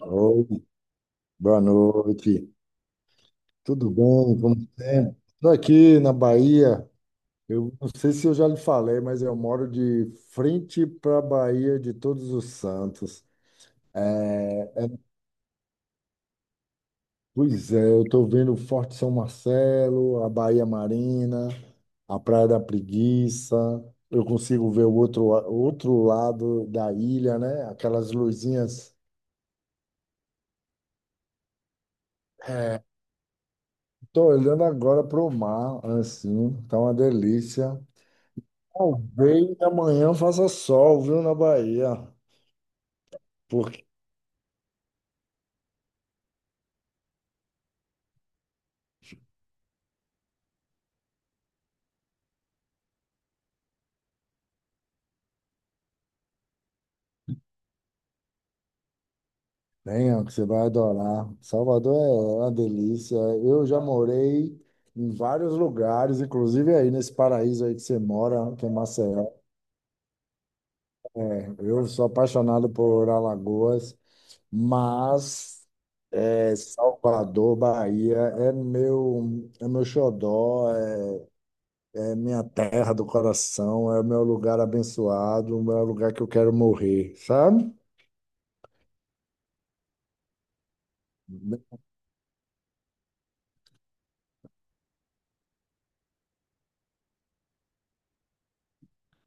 Oi, boa noite. Tudo bem? Como sempre? Estou aqui na Bahia. Eu não sei se eu já lhe falei, mas eu moro de frente para a Bahia de Todos os Santos. É, pois é, eu estou vendo o Forte São Marcelo, a Bahia Marina, a Praia da Preguiça. Eu consigo ver o outro lado da ilha, né? Aquelas luzinhas. Estou olhando agora para o mar, assim, tá uma delícia. Talvez amanhã faça sol, viu, na Bahia. Porque tem, ó, que você vai adorar. Salvador é uma delícia. Eu já morei em vários lugares, inclusive aí nesse paraíso aí que você mora, que é Maceió. Eu sou apaixonado por Alagoas, mas é, Salvador, Bahia, é meu xodó, é, é minha terra do coração, é o meu lugar abençoado, é o meu lugar que eu quero morrer, sabe?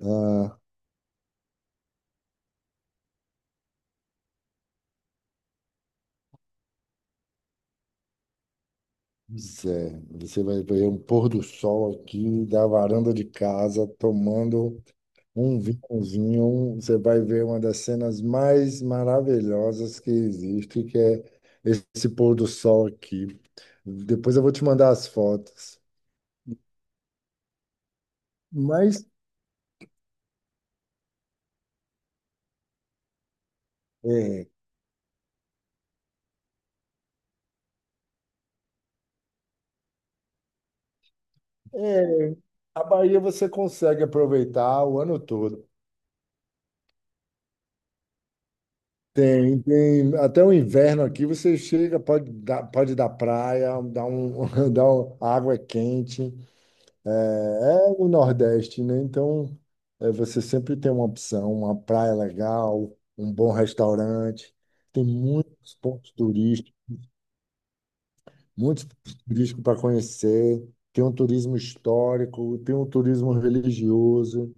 Ah, Zé, você vai ver um pôr do sol aqui da varanda de casa, tomando um vinhozinho. Você vai ver uma das cenas mais maravilhosas que existe, que é esse pôr do sol aqui. Depois eu vou te mandar as fotos. Mas é, é, a Bahia você consegue aproveitar o ano todo. Tem, tem até o inverno aqui, você chega, pode dar praia, dar um, dar um, a água é quente. É, é no Nordeste, né? Então, é, você sempre tem uma opção, uma praia legal, um bom restaurante. Tem muitos pontos turísticos para conhecer. Tem um turismo histórico, tem um turismo religioso,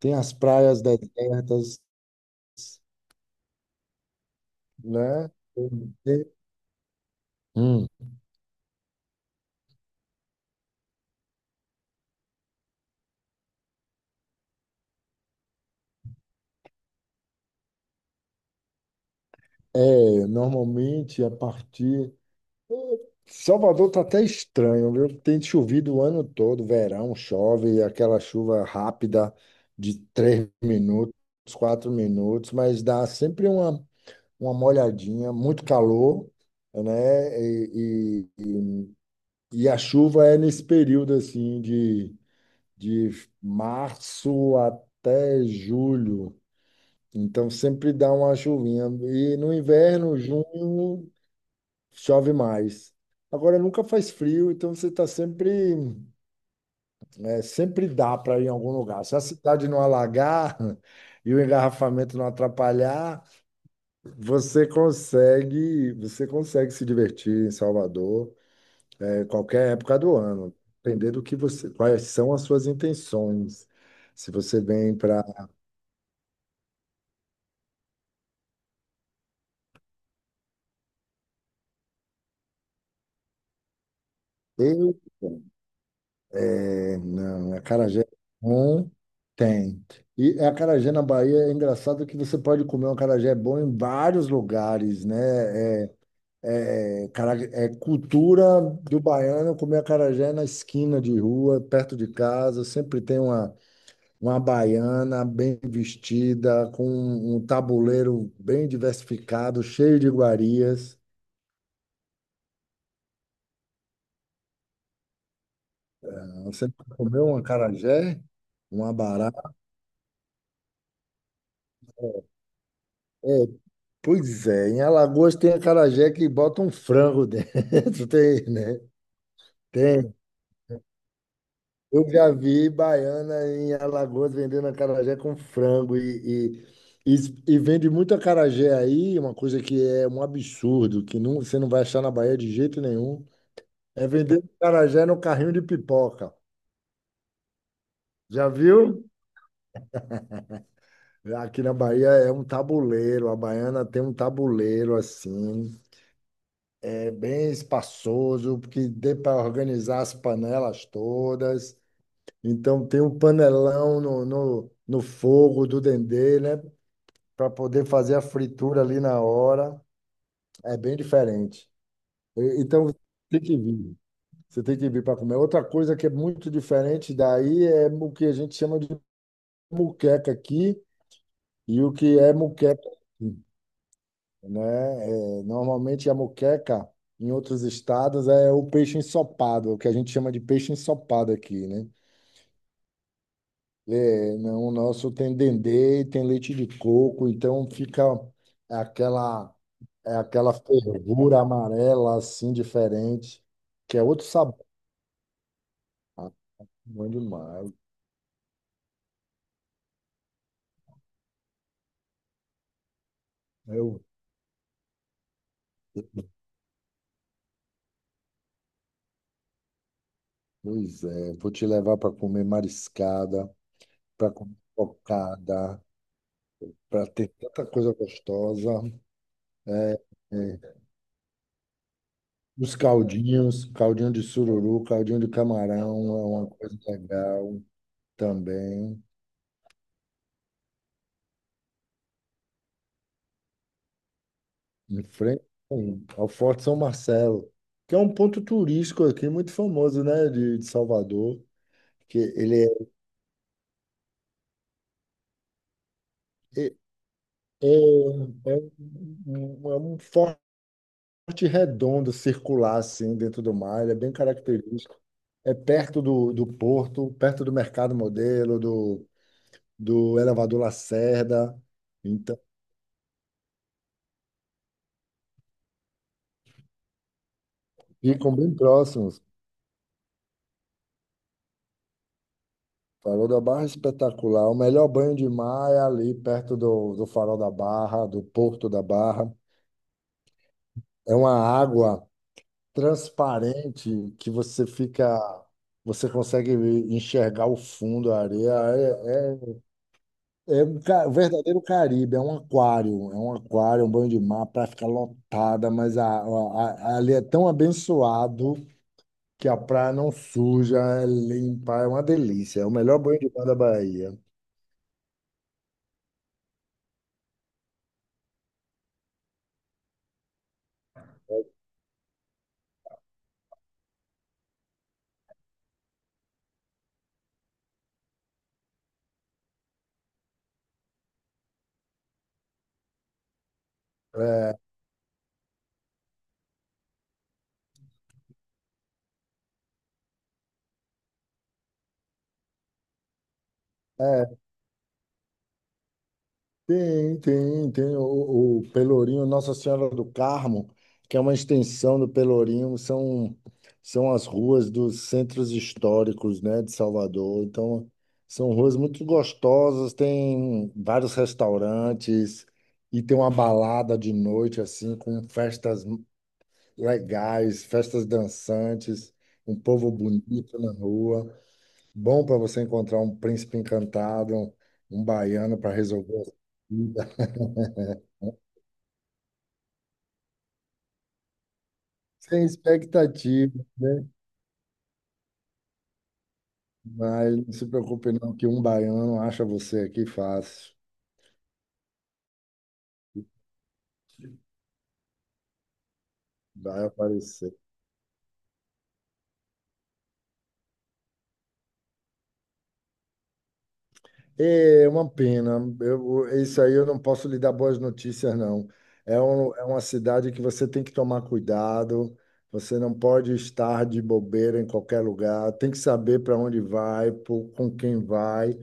tem as praias desertas, né? Tem- Hum, é, normalmente a partir Salvador tá até estranho, viu? Tem chovido o ano todo, verão, chove, aquela chuva rápida de três minutos, quatro minutos, mas dá sempre uma molhadinha, muito calor, né? E a chuva é nesse período assim de março até julho. Então sempre dá uma chuvinha. E no inverno, junho chove mais. Agora nunca faz frio, então você está sempre, é, sempre dá para ir em algum lugar. Se a cidade não alagar e o engarrafamento não atrapalhar, você consegue se divertir em Salvador, é, qualquer época do ano, depender do que você, quais são as suas intenções. Se você vem para É, Não, é acarajé bom tem. E é acarajé na Bahia é engraçado que você pode comer um acarajé bom em vários lugares, né? É, cara- é cultura do baiano comer acarajé na esquina de rua, perto de casa. Sempre tem uma baiana bem vestida, com um tabuleiro bem diversificado, cheio de iguarias. Você nunca comeu um acarajé? Um abará? Pois é, em Alagoas tem acarajé que bota um frango dentro, tem, né? Tem. Eu já vi baiana em Alagoas vendendo acarajé com frango e vende muito acarajé aí, uma coisa que é um absurdo, que não, você não vai achar na Bahia de jeito nenhum, é vender acarajé no carrinho de pipoca. Já viu? Aqui na Bahia é um tabuleiro, a baiana tem um tabuleiro assim, é bem espaçoso, porque dê para organizar as panelas todas. Então, tem um panelão no fogo do dendê, né? Para poder fazer a fritura ali na hora. É bem diferente. E- Então, tem que vir. Você tem que vir para comer. Outra coisa que é muito diferente daí é o que a gente chama de muqueca aqui e o que é muqueca. Né? É, normalmente a moqueca em outros estados é o peixe ensopado, o que a gente chama de peixe ensopado aqui, né? É, não, o nosso tem dendê, tem leite de coco, então fica aquela é aquela fervura amarela assim diferente, que é outro sabor. Ah, bom demais. Eu, pois é, vou te levar para comer mariscada, para comer cocada, para ter tanta coisa gostosa. É, é, Os caldinhos, caldinho de sururu, caldinho de camarão é uma coisa legal também. Em frente ao Forte São Marcelo, que é um ponto turístico aqui muito famoso, né, de Salvador, que ele é, é, é, é é um forte redondo, circular assim dentro do mar, ele é bem característico. É perto do, do porto, perto do Mercado Modelo, do, do Elevador Lacerda. Então, ficam bem próximos. Farol da Barra é espetacular. O melhor banho de mar é ali perto do, do Farol da Barra, do Porto da Barra. É uma água transparente que você fica, você consegue enxergar o fundo, a areia. É um ca- um verdadeiro Caribe, é um aquário, um banho de mar, a praia fica lotada, mas a- ali é tão abençoado que a praia não suja, é limpa, é uma delícia. É o melhor banho de mar da Bahia. É, é Tem, tem, tem o Pelourinho Nossa Senhora do Carmo, que é uma extensão do Pelourinho, são, são as ruas dos centros históricos, né, de Salvador. Então, são ruas muito gostosas, tem vários restaurantes e tem uma balada de noite, assim, com festas legais, festas dançantes, um povo bonito na rua. Bom para você encontrar um príncipe encantado, um baiano para resolver a vida. Sem expectativa, né? Mas não se preocupe não, que um baiano acha você aqui fácil. Vai aparecer. É uma pena. Eu, isso aí eu não posso lhe dar boas notícias, não. É, um, é uma cidade que você tem que tomar cuidado. Você não pode estar de bobeira em qualquer lugar. Tem que saber para onde vai, por- com quem vai,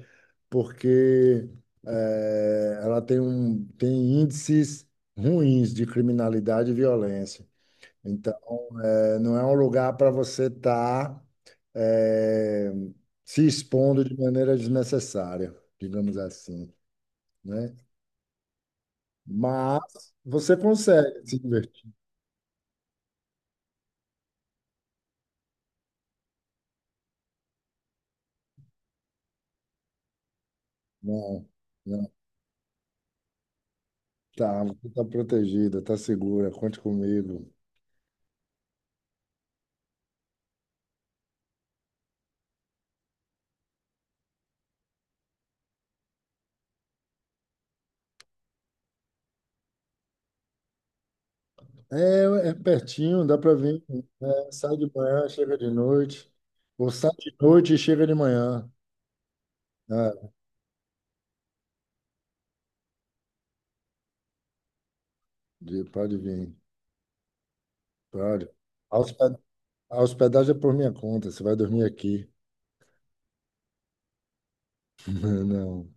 porque ela tem, um, tem índices ruins de criminalidade e violência. Então, é, não é um lugar para você estar se expondo de maneira desnecessária, digamos assim, né? Mas você consegue se divertir. Não, não. Tá, você está protegida, está segura, conte comigo. É, é pertinho, dá para vir. Né? Sai de manhã, chega de noite. Ou sai de noite e chega de manhã. É, de- pode vir, pode. A hosped- a hospedagem é por minha conta, você vai dormir aqui. Não.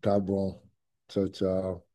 Tá bom. Tchau, tchau.